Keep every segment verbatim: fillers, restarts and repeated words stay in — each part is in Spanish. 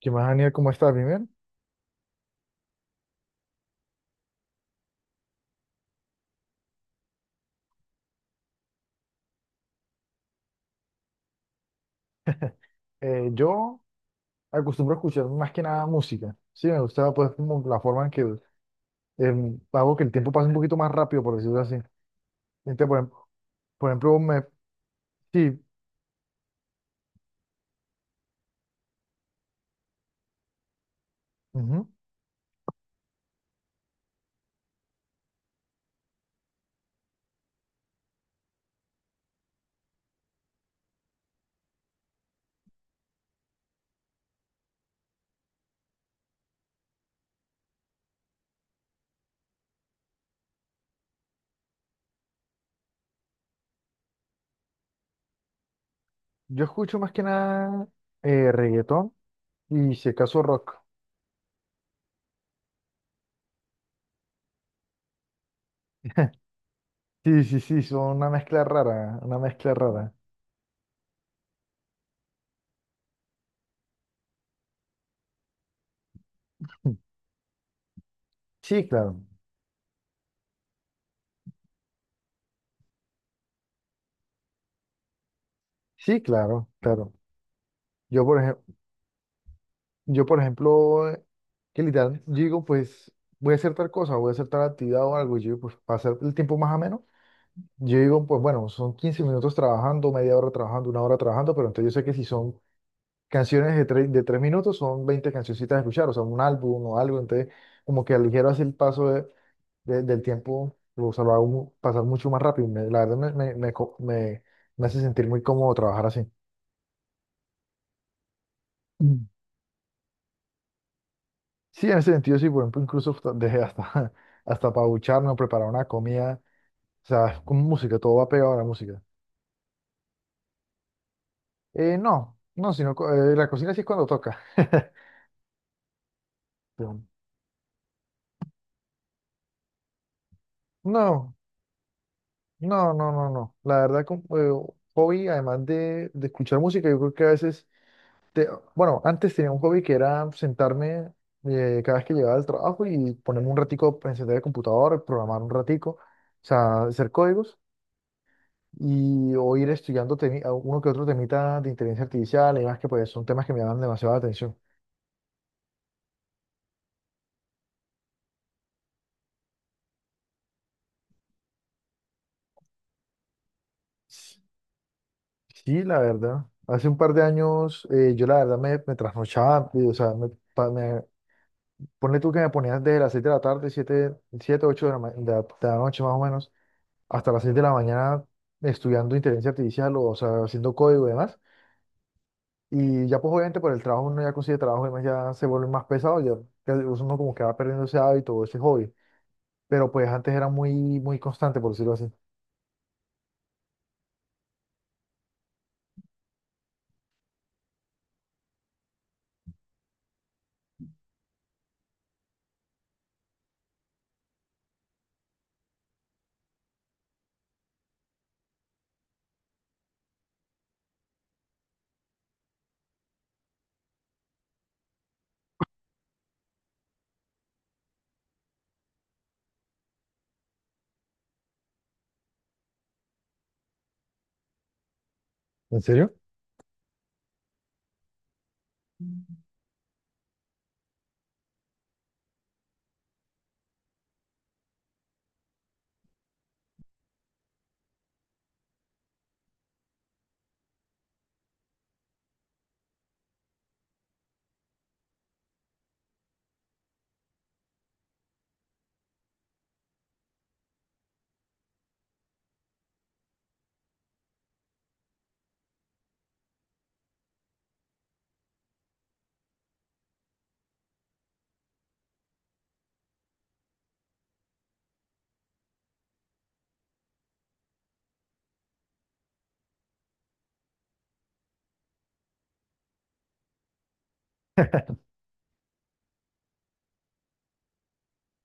¿Qué más, Daniel? ¿Cómo estás? Bien, bien. Eh, yo acostumbro a escuchar más que nada música. Sí, me gusta pues como la forma en que em, hago que el tiempo pase un poquito más rápido, por decirlo así. Entonces, por, ejem- por ejemplo, me, sí, ujú. Yo escucho más que nada eh, reggaetón y si acaso rock. Sí, sí, sí, son una mezcla rara, una mezcla rara. Sí, claro, sí, claro, claro. Yo, por ejemplo, yo, por ejemplo, eh, que literal digo, pues voy a hacer tal cosa, voy a hacer tal actividad o algo, y yo, pues, para hacer el tiempo más ameno. Yo digo, pues bueno, son quince minutos trabajando, media hora trabajando, una hora trabajando, pero entonces yo sé que si son canciones de tres de tres minutos, son veinte cancioncitas a escuchar, o sea, un álbum o algo, entonces como que aligero así el paso de- de- del tiempo, o sea, lo hago mu- pasar mucho más rápido. Me- la verdad me, me, me, co- me- me hace sentir muy cómodo trabajar así. Mm. Sí, en ese sentido, sí, por ejemplo, incluso hasta- dejé hasta, hasta para ducharme, preparar una comida, o sea, con música, todo va pegado a la música. Eh, no, no, sino co- eh, la cocina sí es cuando toca. No, no, no, no, no. La verdad, como, eh, hobby, además de, de escuchar música, yo creo que a veces, te- bueno, antes tenía un hobby que era sentarme eh, cada vez que llegaba del trabajo y ponerme un ratico, a encender el computador, programar un ratico, o sea, hacer códigos y o ir estudiando temi- a uno que otro temita de inteligencia artificial y demás, que pues son temas que me llaman demasiada atención. S- Sí, la verdad. Hace un par de años eh, yo la verdad me, me trasnochaba, eh, o sea, me, ponle tú que me ponías desde las seis de la tarde, siete siete ocho de la, ma- de la- de la noche más o menos, hasta las seis de la mañana estudiando inteligencia artificial o, o sea, haciendo código y demás. Y ya pues obviamente por el trabajo uno ya consigue trabajo y demás, ya se vuelve más pesado, ya, ya uno como que va perdiendo ese hábito, ese hobby. Pero pues antes era muy, muy constante, por decirlo así. ¿En serio?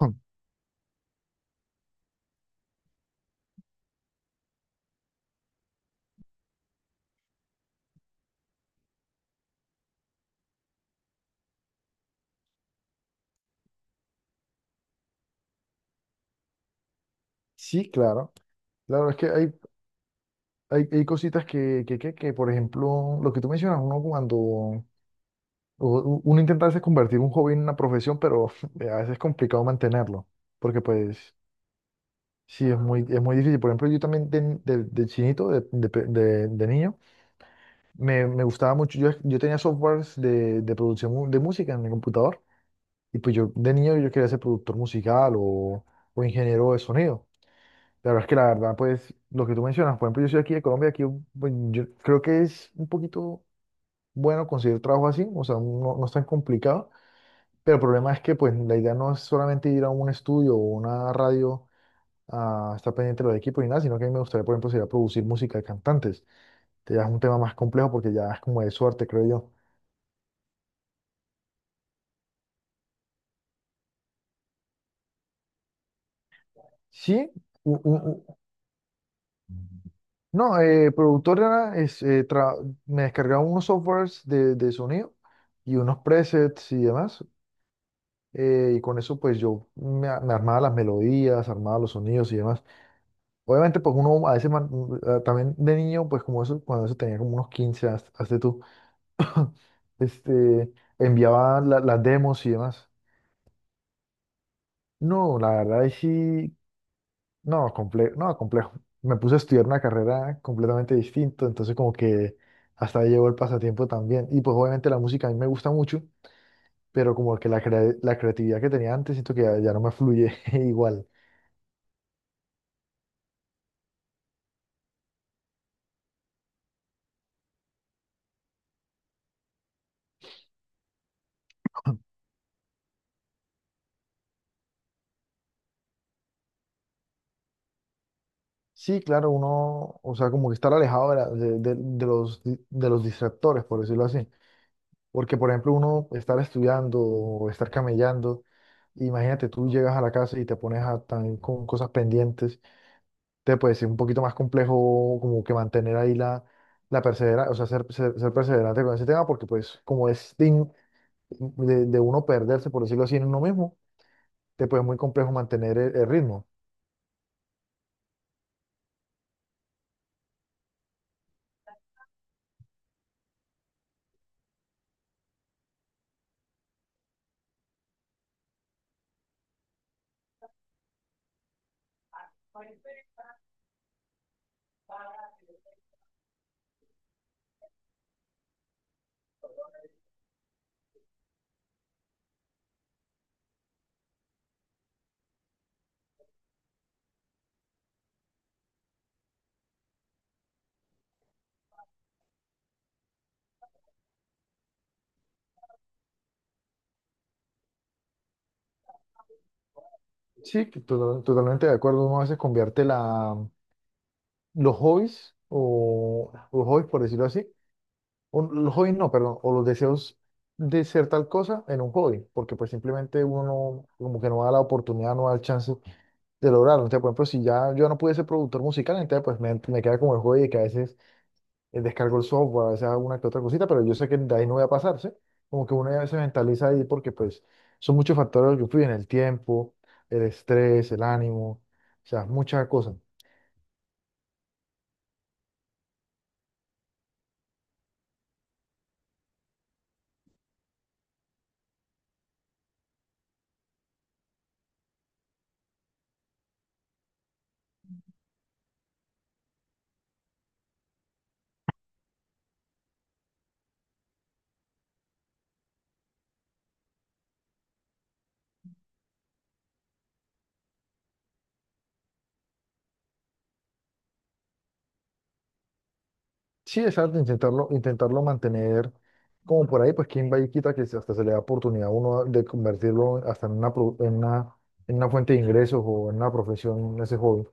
Hmm. Sí, claro. Claro, es que hay, hay, hay cositas que, que, que, que, por ejemplo, lo que tú mencionas, uno cuando u- uno intenta a veces convertir un hobby en una profesión, pero a veces es complicado mantenerlo, porque pues sí, es muy, es muy difícil. Por ejemplo, yo también de, de- de chinito, de, de pe- de- de niño, me, me gustaba mucho, yo, yo tenía softwares de, de producción mu- de música en mi computador, y pues yo de niño yo quería ser productor musical o, o ingeniero de sonido. La verdad es que la verdad, pues lo que tú mencionas, por ejemplo, yo soy aquí de Colombia, aquí pues, yo creo que es un poquito bueno conseguir trabajo así, o sea, no, no es tan complicado. Pero el problema es que pues la idea no es solamente ir a un estudio o una radio a estar pendiente de los equipos ni nada, sino que a mí me gustaría, por ejemplo, sería producir música de cantantes. Que ya es un tema más complejo porque ya es como de suerte, creo yo. Sí, u- u- u- no, eh, productora es, eh, tra- me descargaba unos softwares de, de sonido y unos presets y demás. eh, y con eso pues yo me, a- me armaba las melodías, armaba los sonidos y demás. Obviamente, pues uno a veces man- mm, eh, también de niño, pues como eso, cuando eso tenía como unos quince haz- hazte tú, este, enviaba la- las demos y demás. No, la verdad es sí, no, complejo, no, complejo. Me puse a estudiar una carrera completamente distinta, entonces como que hasta ahí llegó el pasatiempo también. Y pues obviamente la música a mí me gusta mucho, pero como que la, crea- la creatividad que tenía antes siento que ya, ya no me fluye igual. Sí, claro, uno, o sea, como que estar alejado de, la- de- de- de los, di- de los distractores, por decirlo así. Porque, por ejemplo, uno estar estudiando o estar camellando, imagínate, tú llegas a la casa y te pones a, también con cosas pendientes, te puede ser un poquito más complejo como que mantener ahí la, la perseverancia, o sea, ser, ser, ser perseverante con ese tema, porque pues como es de, in- de- de uno perderse, por decirlo así, en uno mismo, te puede ser muy complejo mantener el, el ritmo. Sí, que to- totalmente de acuerdo, uno a veces convierte la los hobbies, o los hobbies por decirlo así, o los hobbies no, perdón, o los deseos de ser tal cosa en un hobby, porque pues simplemente uno no- como que no da la oportunidad, no da el chance de lograrlo. Entonces, por ejemplo, si ya yo no pude ser productor musical, entonces pues me, me queda como el hobby de que a veces eh, descargo el software, a veces hago una que otra cosita, pero yo sé que de ahí no voy a pasar, ¿sí? Como que uno ya se mentaliza ahí porque pues son muchos factores los que influyen, el tiempo, el estrés, el ánimo, o sea, muchas cosas. Sí, exacto, intentarlo, intentarlo mantener como por ahí, pues quién va y quita que se- hasta se le da oportunidad a uno de convertirlo hasta en una, pro- en una, en una fuente de ingresos o en una profesión, ese hobby.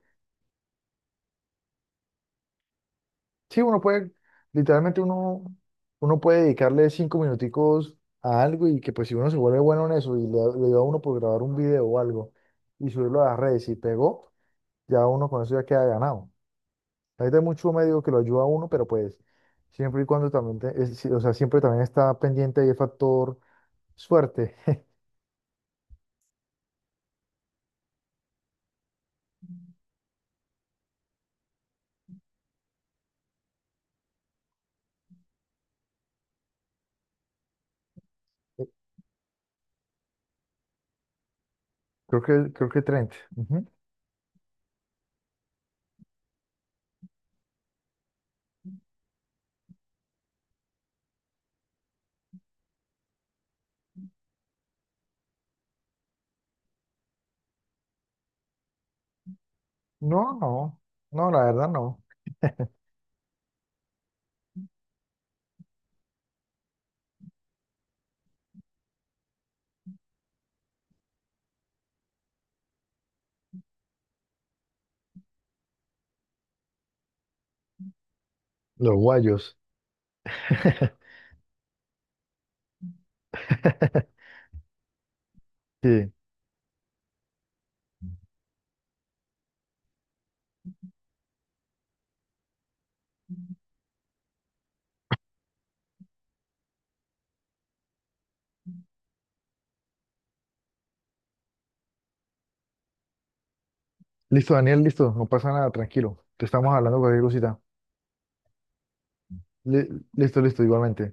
Sí, uno puede, literalmente uno, uno puede dedicarle cinco minuticos a algo y que pues si uno se vuelve bueno en eso y le, le da a uno por grabar un video o algo y subirlo a las redes y pegó, ya uno con eso ya queda ganado. Ahorita hay mucho médico que lo ayuda a uno, pero pues siempre y cuando también, te- es- sí, o sea, siempre también está pendiente ahí el factor suerte. Creo que, creo que treinta. Ujú. No, no, no, la verdad no. Los guayos. Sí. Listo, Daniel, listo, no pasa nada, tranquilo. Te estamos hablando cualquier cosita. Li- listo, listo, igualmente.